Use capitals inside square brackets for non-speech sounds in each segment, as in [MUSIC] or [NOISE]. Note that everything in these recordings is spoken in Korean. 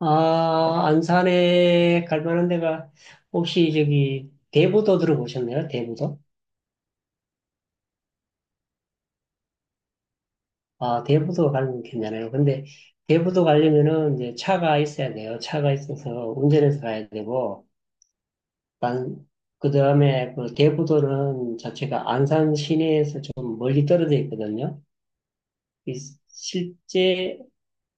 아, 안산에 갈 만한 데가 혹시 저기 대부도 들어보셨나요? 대부도? 아, 대부도 가는 게 괜찮아요. 근데 대부도 가려면은 이제 차가 있어야 돼요. 차가 있어서 운전해서 가야 되고, 난, 그 다음에 그 대부도는 자체가 안산 시내에서 좀 멀리 떨어져 있거든요. 이 실제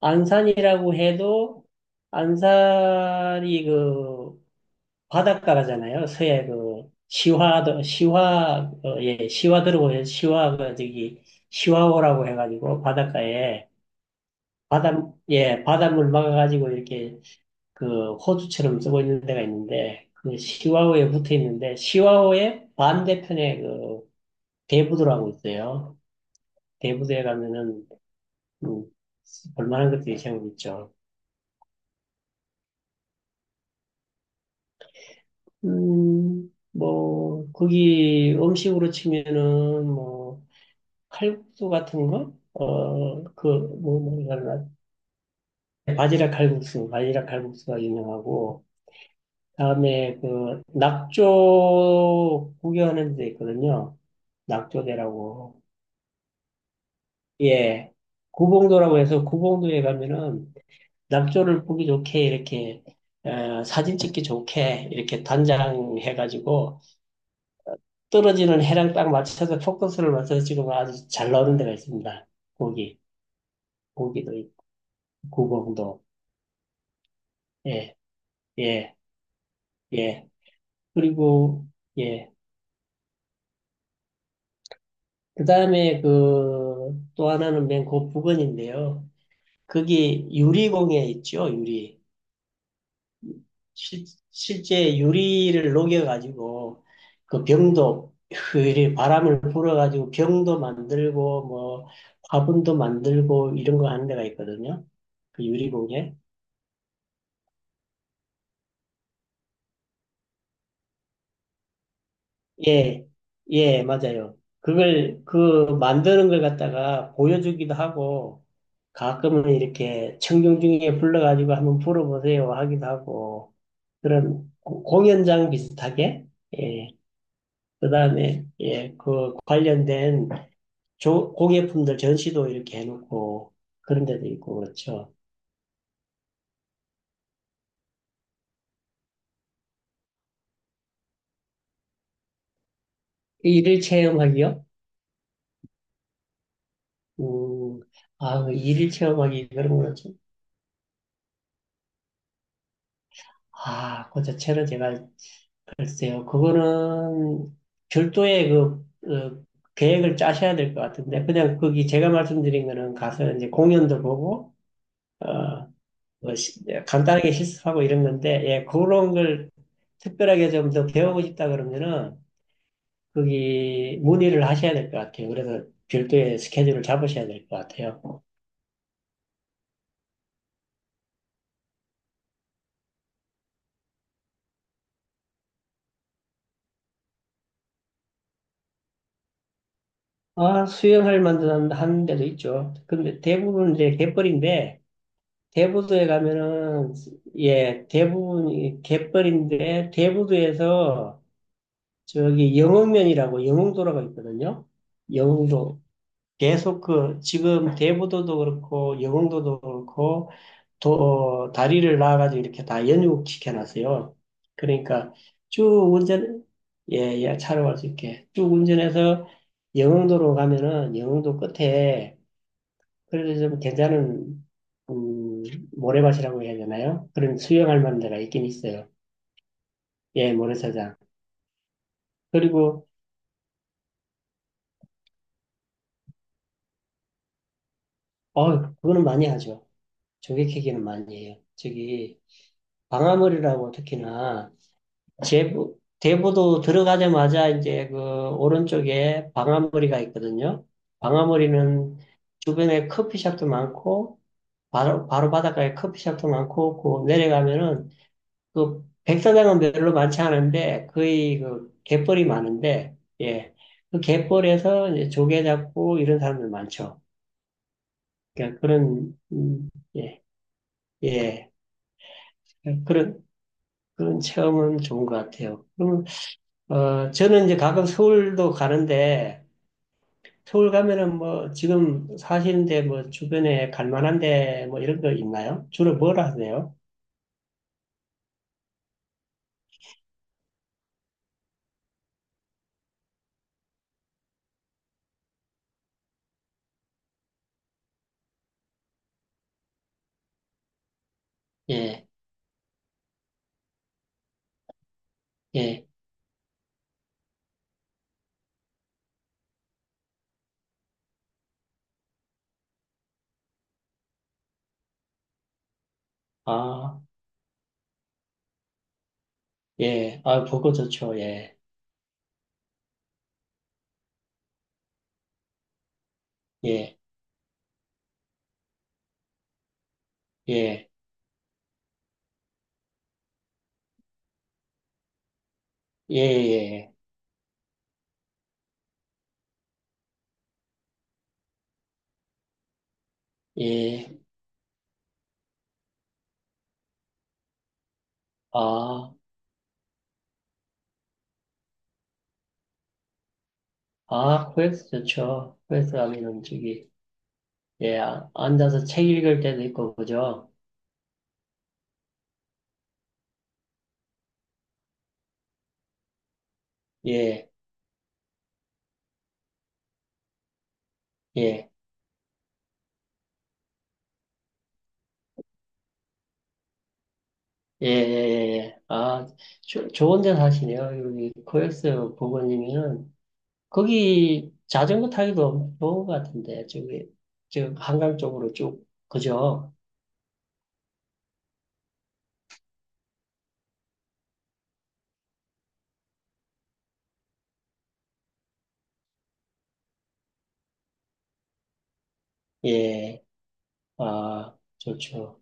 안산이라고 해도 안산이 그 바닷가잖아요. 서해 그 예 시화도라고 해서 시화가 저기 시화호라고 해가지고 바닷가에 바다 예 바닷물 막아가지고 이렇게 그 호수처럼 쓰고 있는 데가 있는데 그 시화호에 붙어 있는데 시화호의 반대편에 그 대부도라고 있어요. 대부도에 가면은 음, 볼만한 것들이 제법 있죠. 뭐 거기 음식으로 치면은 뭐 칼국수 같은 거? 어, 그, 뭐, 뭐, 이거 바지락 칼국수가 유명하고, 다음에 그, 낙조 구경하는 데 있거든요. 낙조대라고. 예. 구봉도라고 해서 구봉도에 가면은 낙조를 보기 좋게 이렇게, 사진 찍기 좋게 이렇게 단장해가지고 떨어지는 해랑 딱 맞춰서 포커스를 맞춰서 찍으면 아주 잘 나오는 데가 있습니다. 고기, 고기도 있고, 구봉도. 예. 예, 예. 그리고, 예. 그 다음에 그, 또 하나는 맨 그 부근인데요. 거기 유리공예 있죠, 유리. 실, 실제 유리를 녹여가지고, 그 병도, 그 유리 바람을 불어가지고 병도 만들고, 뭐, 화분도 만들고, 이런 거 하는 데가 있거든요. 그 유리공예. 예, 예, 맞아요. 그 만드는 걸 갖다가 보여주기도 하고, 가끔은 이렇게 청중 중에 불러가지고 한번 불어보세요 하기도 하고 그런 공연장 비슷하게 예. 그다음에 예, 그 관련된 공예품들 전시도 이렇게 해놓고 그런 데도 있고 그렇죠. 일일 체험하기요? 음, 그 일일 체험하기 그런 거는 좀, 아, 그 자체는 제가 글쎄요, 그거는 별도의 어, 계획을 짜셔야 될 것 같은데, 그냥 거기 제가 말씀드린 거는 가서 이제 공연도 보고, 어, 뭐 간단하게 실습하고 이런 건데, 예, 그런 걸 특별하게 좀 더 배우고 싶다 그러면은, 거기 문의를 하셔야 될 것 같아요. 그래서 별도의 스케줄을 잡으셔야 될 것 같아요. 아, 수영할 만한 한 데도 있죠. 근데 대부분 이제 갯벌인데, 대부도에 가면은 예 대부분 이 갯벌인데 대부도에서 저기 영흥면이라고 영흥도로가 있거든요. 영흥도 계속 그 지금 대부도도 그렇고 영흥도도 그렇고 도 다리를 나와가지고 이렇게 다 연육시켜놨어요. 그러니까 쭉 운전 예예 차로 갈 수 있게 쭉 운전해서 영흥도로 가면은 영흥도 끝에 그래도 좀 괜찮은 음, 모래밭이라고 해야 되나요? 그런 수영할 만한 데가 있긴 있어요. 예, 모래사장. 그리고 그거는 많이 하죠. 조개캐기는 많이 해요. 저기 방아머리라고 특히나 제부 대부도 들어가자마자 이제 그 오른쪽에 방아머리가 있거든요. 방아머리는 주변에 커피숍도 많고 바로 바로 바닷가에 커피숍도 많고 그 내려가면은 그 백사장은 별로 많지 않은데 거의 그 갯벌이 많은데 예. 그 갯벌에서 이제 조개 잡고 이런 사람들 많죠. 그러니까 그런 예. 예. 그런 그런 체험은 좋은 것 같아요. 그러면 저는 이제 가끔 서울도 가는데 서울 가면은 뭐 지금 사시는데 뭐 주변에 갈 만한 데뭐 이런 거 있나요? 주로 뭘 하세요? 예. 예. 아, 예. 아, 보고 좋죠. 예. 예. 예. 예. 예. 예, 아, 아, 코엑스 좋죠. 코엑스 가면 음식이. 예, 아, 앉아서 책 읽을 때도 있고, 그죠? 예, 예, 예, 예, 예. 예. 예. 아, 좋은 데 사시네요. 여기 코엑스 부모님이는. 거기 자전거 타기도 좋은 것 같은데, 저기, 지금 한강 쪽으로 쭉, 그죠? 예, 아, 좋죠.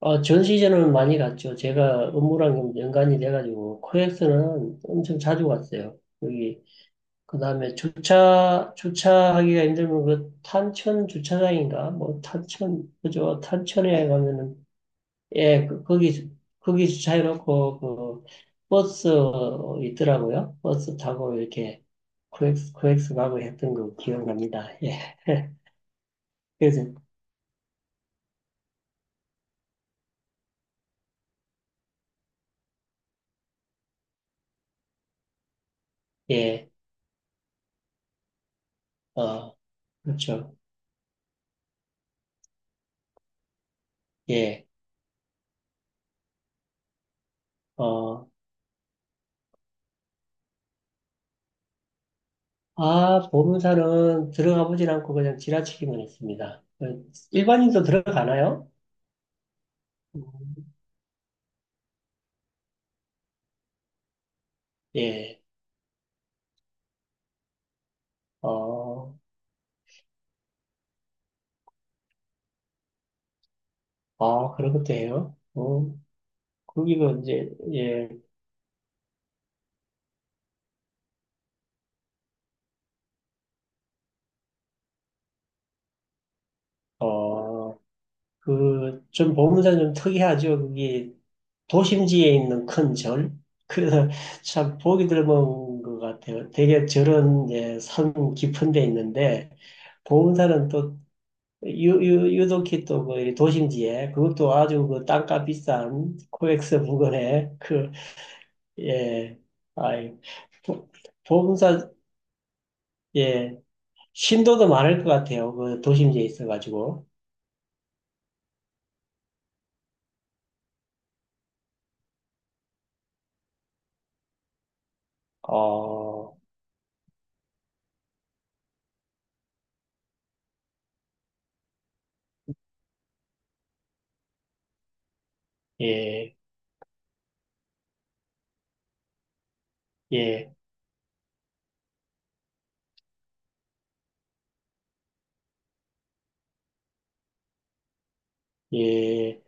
전 시즌은 많이 갔죠. 제가 업무랑 좀 연관이 돼가지고, 코엑스는 엄청 자주 갔어요. 여기 그 다음에 주차하기가 힘들면 그 탄천 주차장인가? 뭐 탄천, 그죠? 탄천에 가면은, 예, 그, 거기 주차해놓고 그 버스 있더라고요. 버스 타고 이렇게 코엑스 가고 했던 거 기억납니다. [LAUGHS] 예. 그래서, 예, 어, 그렇죠. 예, 어, 아, 보름산은 들어가 보진 않고 그냥 지나치기만 했습니다. 일반인도 들어가나요? 음, 예, 어, 그런 것도 해요 거기가 이제, 예, 어, 좀 보문사는 좀 특이하죠. 그게 도심지에 있는 큰 절. [LAUGHS] 그래서 참 보기 드문 것 같아요. 되게 절은 이제 산 깊은 데 있는데, 보문사는 또 유독히 또그 도심지에 그것도 아주 그 땅값 비싼 코엑스 부근에 그, 예, 아이, 보- 보문사 예. 신도도 많을 것 같아요. 그 도심지에 있어가지고. 어, 예, 예, 예.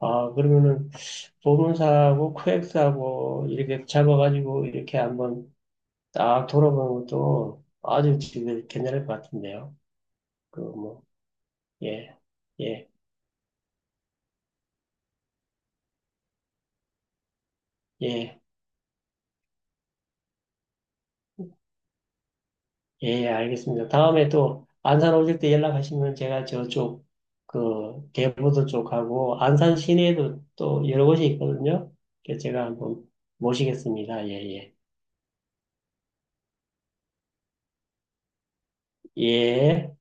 아, 그러면은 보문사하고 코엑스하고 이렇게 잡아가지고 이렇게 한번 딱 돌아보는 것도 아주 지금 괜찮을 것 같은데요. 그 뭐, 예, 예, 예. 예, 알겠습니다. 다음에 또 안산 오실 때 연락하시면 제가 저쪽 그 개부도 쪽하고 안산 시내에도 또 여러 곳이 있거든요. 그래서 제가 한번 모시겠습니다. 예, 예. 예.